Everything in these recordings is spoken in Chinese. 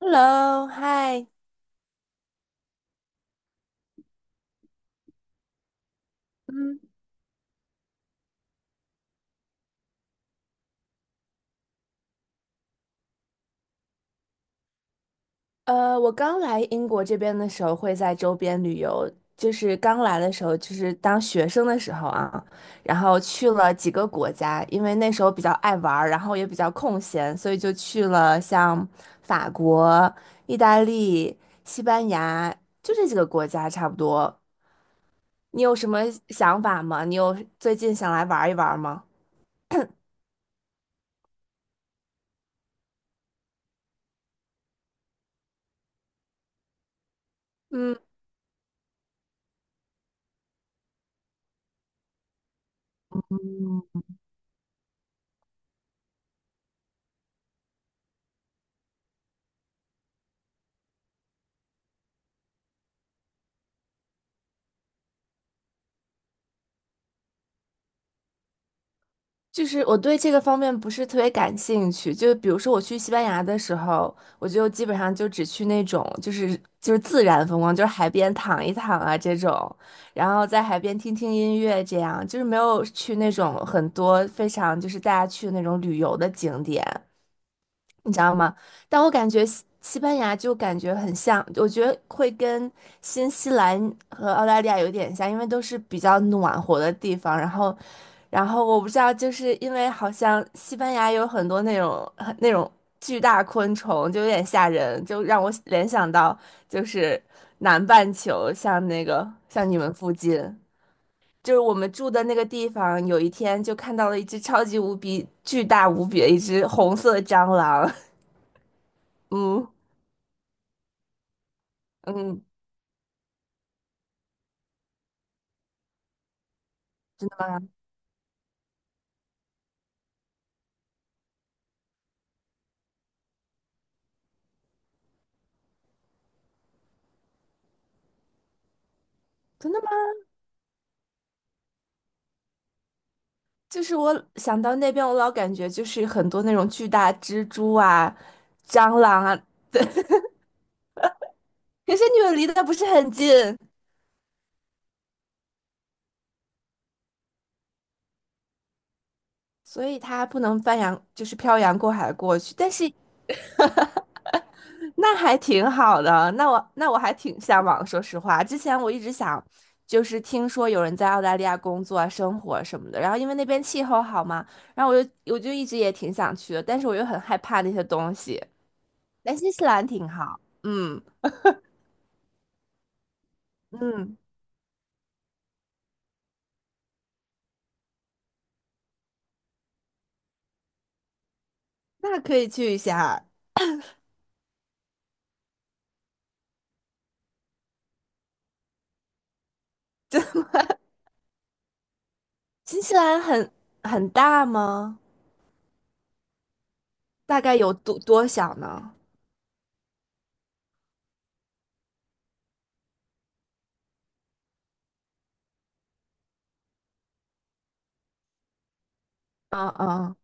Hello，嗨，嗯，我刚来英国这边的时候会在周边旅游，就是刚来的时候，就是当学生的时候啊，然后去了几个国家，因为那时候比较爱玩儿，然后也比较空闲，所以就去了像法国、意大利、西班牙，就这几个国家差不多。你有什么想法吗？你有最近想来玩一玩吗？嗯。就是我对这个方面不是特别感兴趣，就比如说我去西班牙的时候，我就基本上就只去那种就是自然风光，就是海边躺一躺啊这种，然后在海边听听音乐这样，就是没有去那种很多非常就是大家去的那种旅游的景点。你知道吗？但我感觉西班牙就感觉很像，我觉得会跟新西兰和澳大利亚有点像，因为都是比较暖和的地方。然后我不知道，就是因为好像西班牙有很多那种很那种巨大昆虫，就有点吓人，就让我联想到就是南半球，像那个像你们附近。就是我们住的那个地方，有一天就看到了一只超级无比巨大无比的一只红色的蟑螂。嗯嗯，真的吗？就是我想到那边，我老感觉就是很多那种巨大蜘蛛啊、蟑螂啊，可是你们离得不是很近，所以它不能翻洋，就是漂洋过海过去。但是那还挺好的，那我还挺向往。说实话，之前我一直想，就是听说有人在澳大利亚工作啊、生活什么的，然后因为那边气候好嘛，然后我就一直也挺想去的，但是我又很害怕那些东西。但新西兰挺好，嗯嗯。那可以去一下。新西兰很大吗？大概有多小呢？嗯嗯，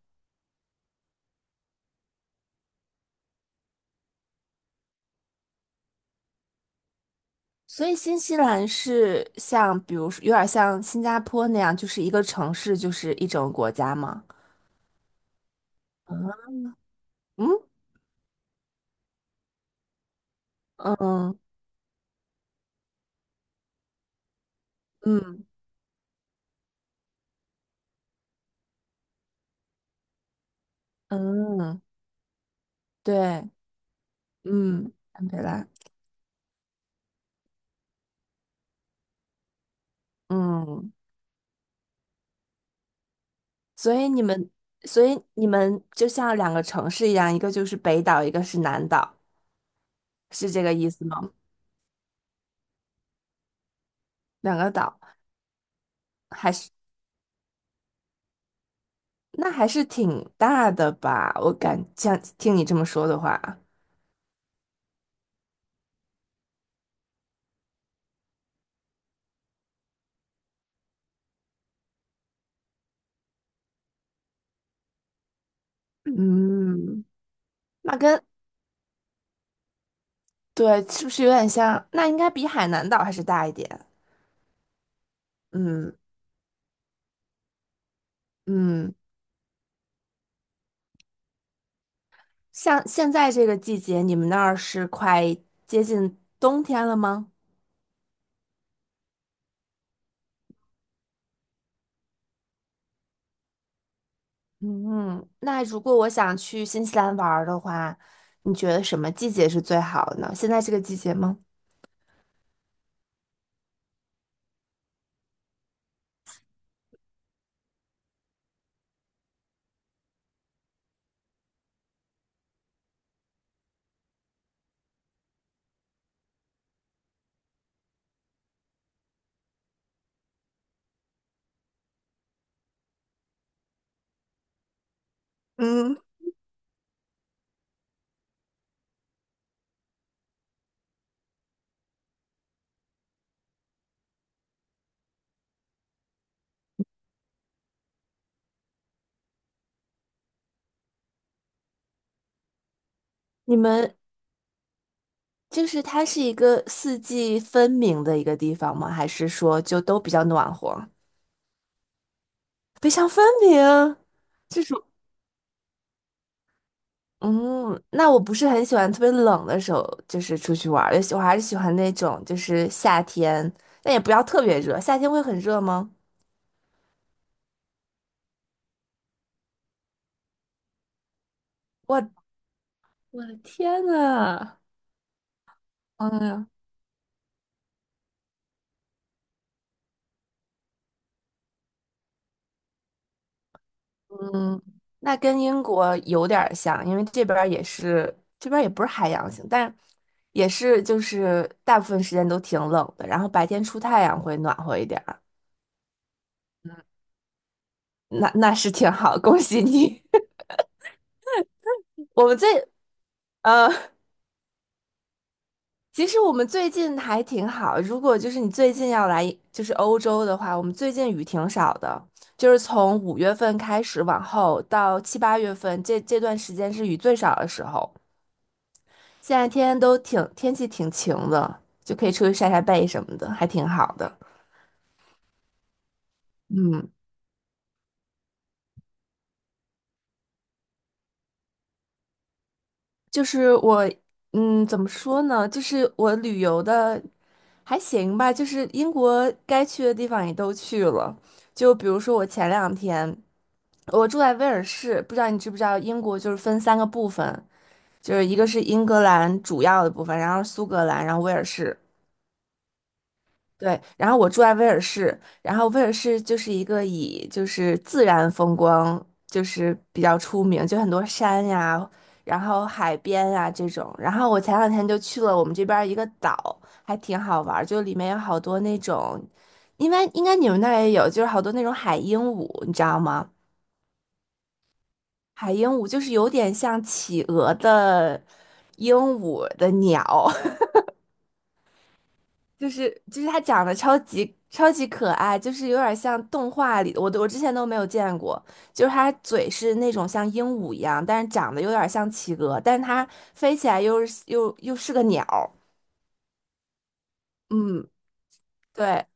所以新西兰是像，比如说有点像新加坡那样，就是一个城市就是一整个国家吗？嗯嗯嗯嗯，对，嗯，堪培拉，嗯，所以你们，所以你们就像两个城市一样，一个就是北岛，一个是南岛，是这个意思吗？两个岛。还是？那还是挺大的吧？我感像听你这么说的话，嗯，那跟对是不是有点像？那应该比海南岛还是大一点。嗯嗯，像现在这个季节，你们那儿是快接近冬天了吗？嗯，那如果我想去新西兰玩儿的话，你觉得什么季节是最好的呢？现在这个季节吗？嗯，你们就是它是一个四季分明的一个地方吗？还是说就都比较暖和？非常分明，就是嗯，那我不是很喜欢特别冷的时候，就是出去玩儿，我还是喜欢那种就是夏天，但也不要特别热。夏天会很热吗？我我的天呐！哎呀嗯，那跟英国有点儿像，因为这边儿也是，这边儿也不是海洋性，但也是就是大部分时间都挺冷的，然后白天出太阳会暖和一点儿，那那是挺好，恭喜你。我们最呃，其实我们最近还挺好，如果就是你最近要来就是欧洲的话，我们最近雨挺少的，就是从五月份开始往后到七八月份这段时间是雨最少的时候。现在天天都挺天气挺晴的，就可以出去晒晒背什么的，还挺好的。嗯，就是我，嗯，怎么说呢？就是我旅游的还行吧，就是英国该去的地方也都去了。就比如说我前两天，我住在威尔士，不知道你知不知道，英国就是分三个部分，就是一个是英格兰主要的部分，然后苏格兰，然后威尔士。对，然后我住在威尔士，然后威尔士就是一个以就是自然风光就是比较出名，就很多山呀，然后海边呀这种。然后我前两天就去了我们这边儿一个岛，还挺好玩儿就里面有好多那种，应该你们那儿也有，就是好多那种海鹦鹉，你知道吗？海鹦鹉就是有点像企鹅的鹦鹉的鸟，就是他长得超级超级可爱，就是有点像动画里的，我之前都没有见过。就是他嘴是那种像鹦鹉一样，但是长得有点像企鹅，但是它飞起来又是个鸟儿嗯，对，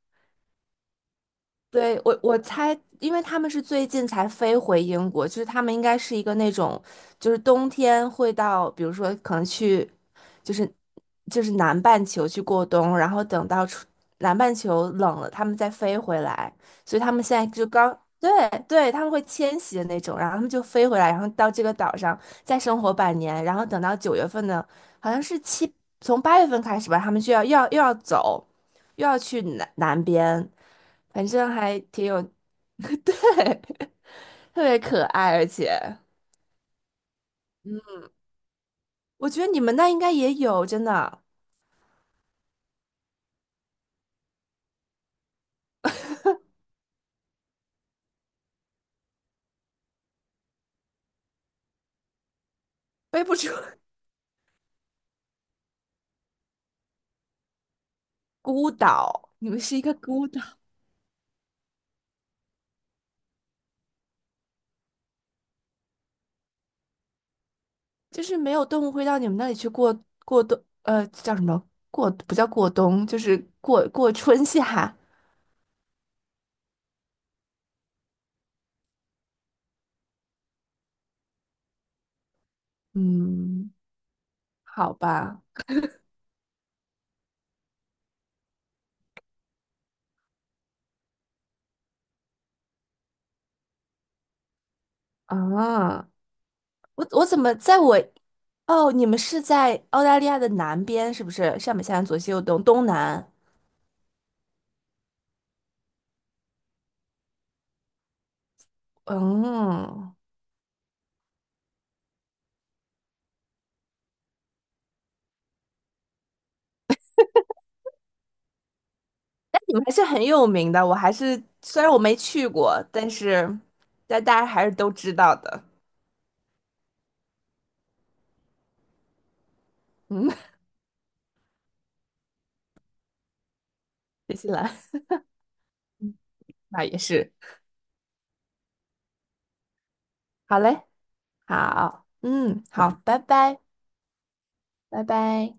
对，我我猜，因为他们是最近才飞回英国，就是他们应该是一个那种，就是冬天会到，比如说可能去，就是南半球去过冬，然后等到春南半球冷了，他们再飞回来，所以他们现在就刚，对对，他们会迁徙的那种，然后他们就飞回来，然后到这个岛上再生活半年，然后等到九月份呢，好像是七，从八月份开始吧，他们就要走，又要去南边。反正还挺有，特别可爱，而且我觉得你们那应该也有，真的背不出 孤岛，你们是一个孤岛，就是没有动物会到你们那里去过过冬，叫什么过不叫过冬，就是过春夏，嗯，好吧，啊，我怎么在我哦，你们是在澳大利亚的南边是不是？上北下南左西右东东南，嗯。们还是很有名的，我还是虽然我没去过，但是但大家还是都知道的。嗯，新西兰 那也是。好嘞，好，嗯，好，拜拜，拜拜。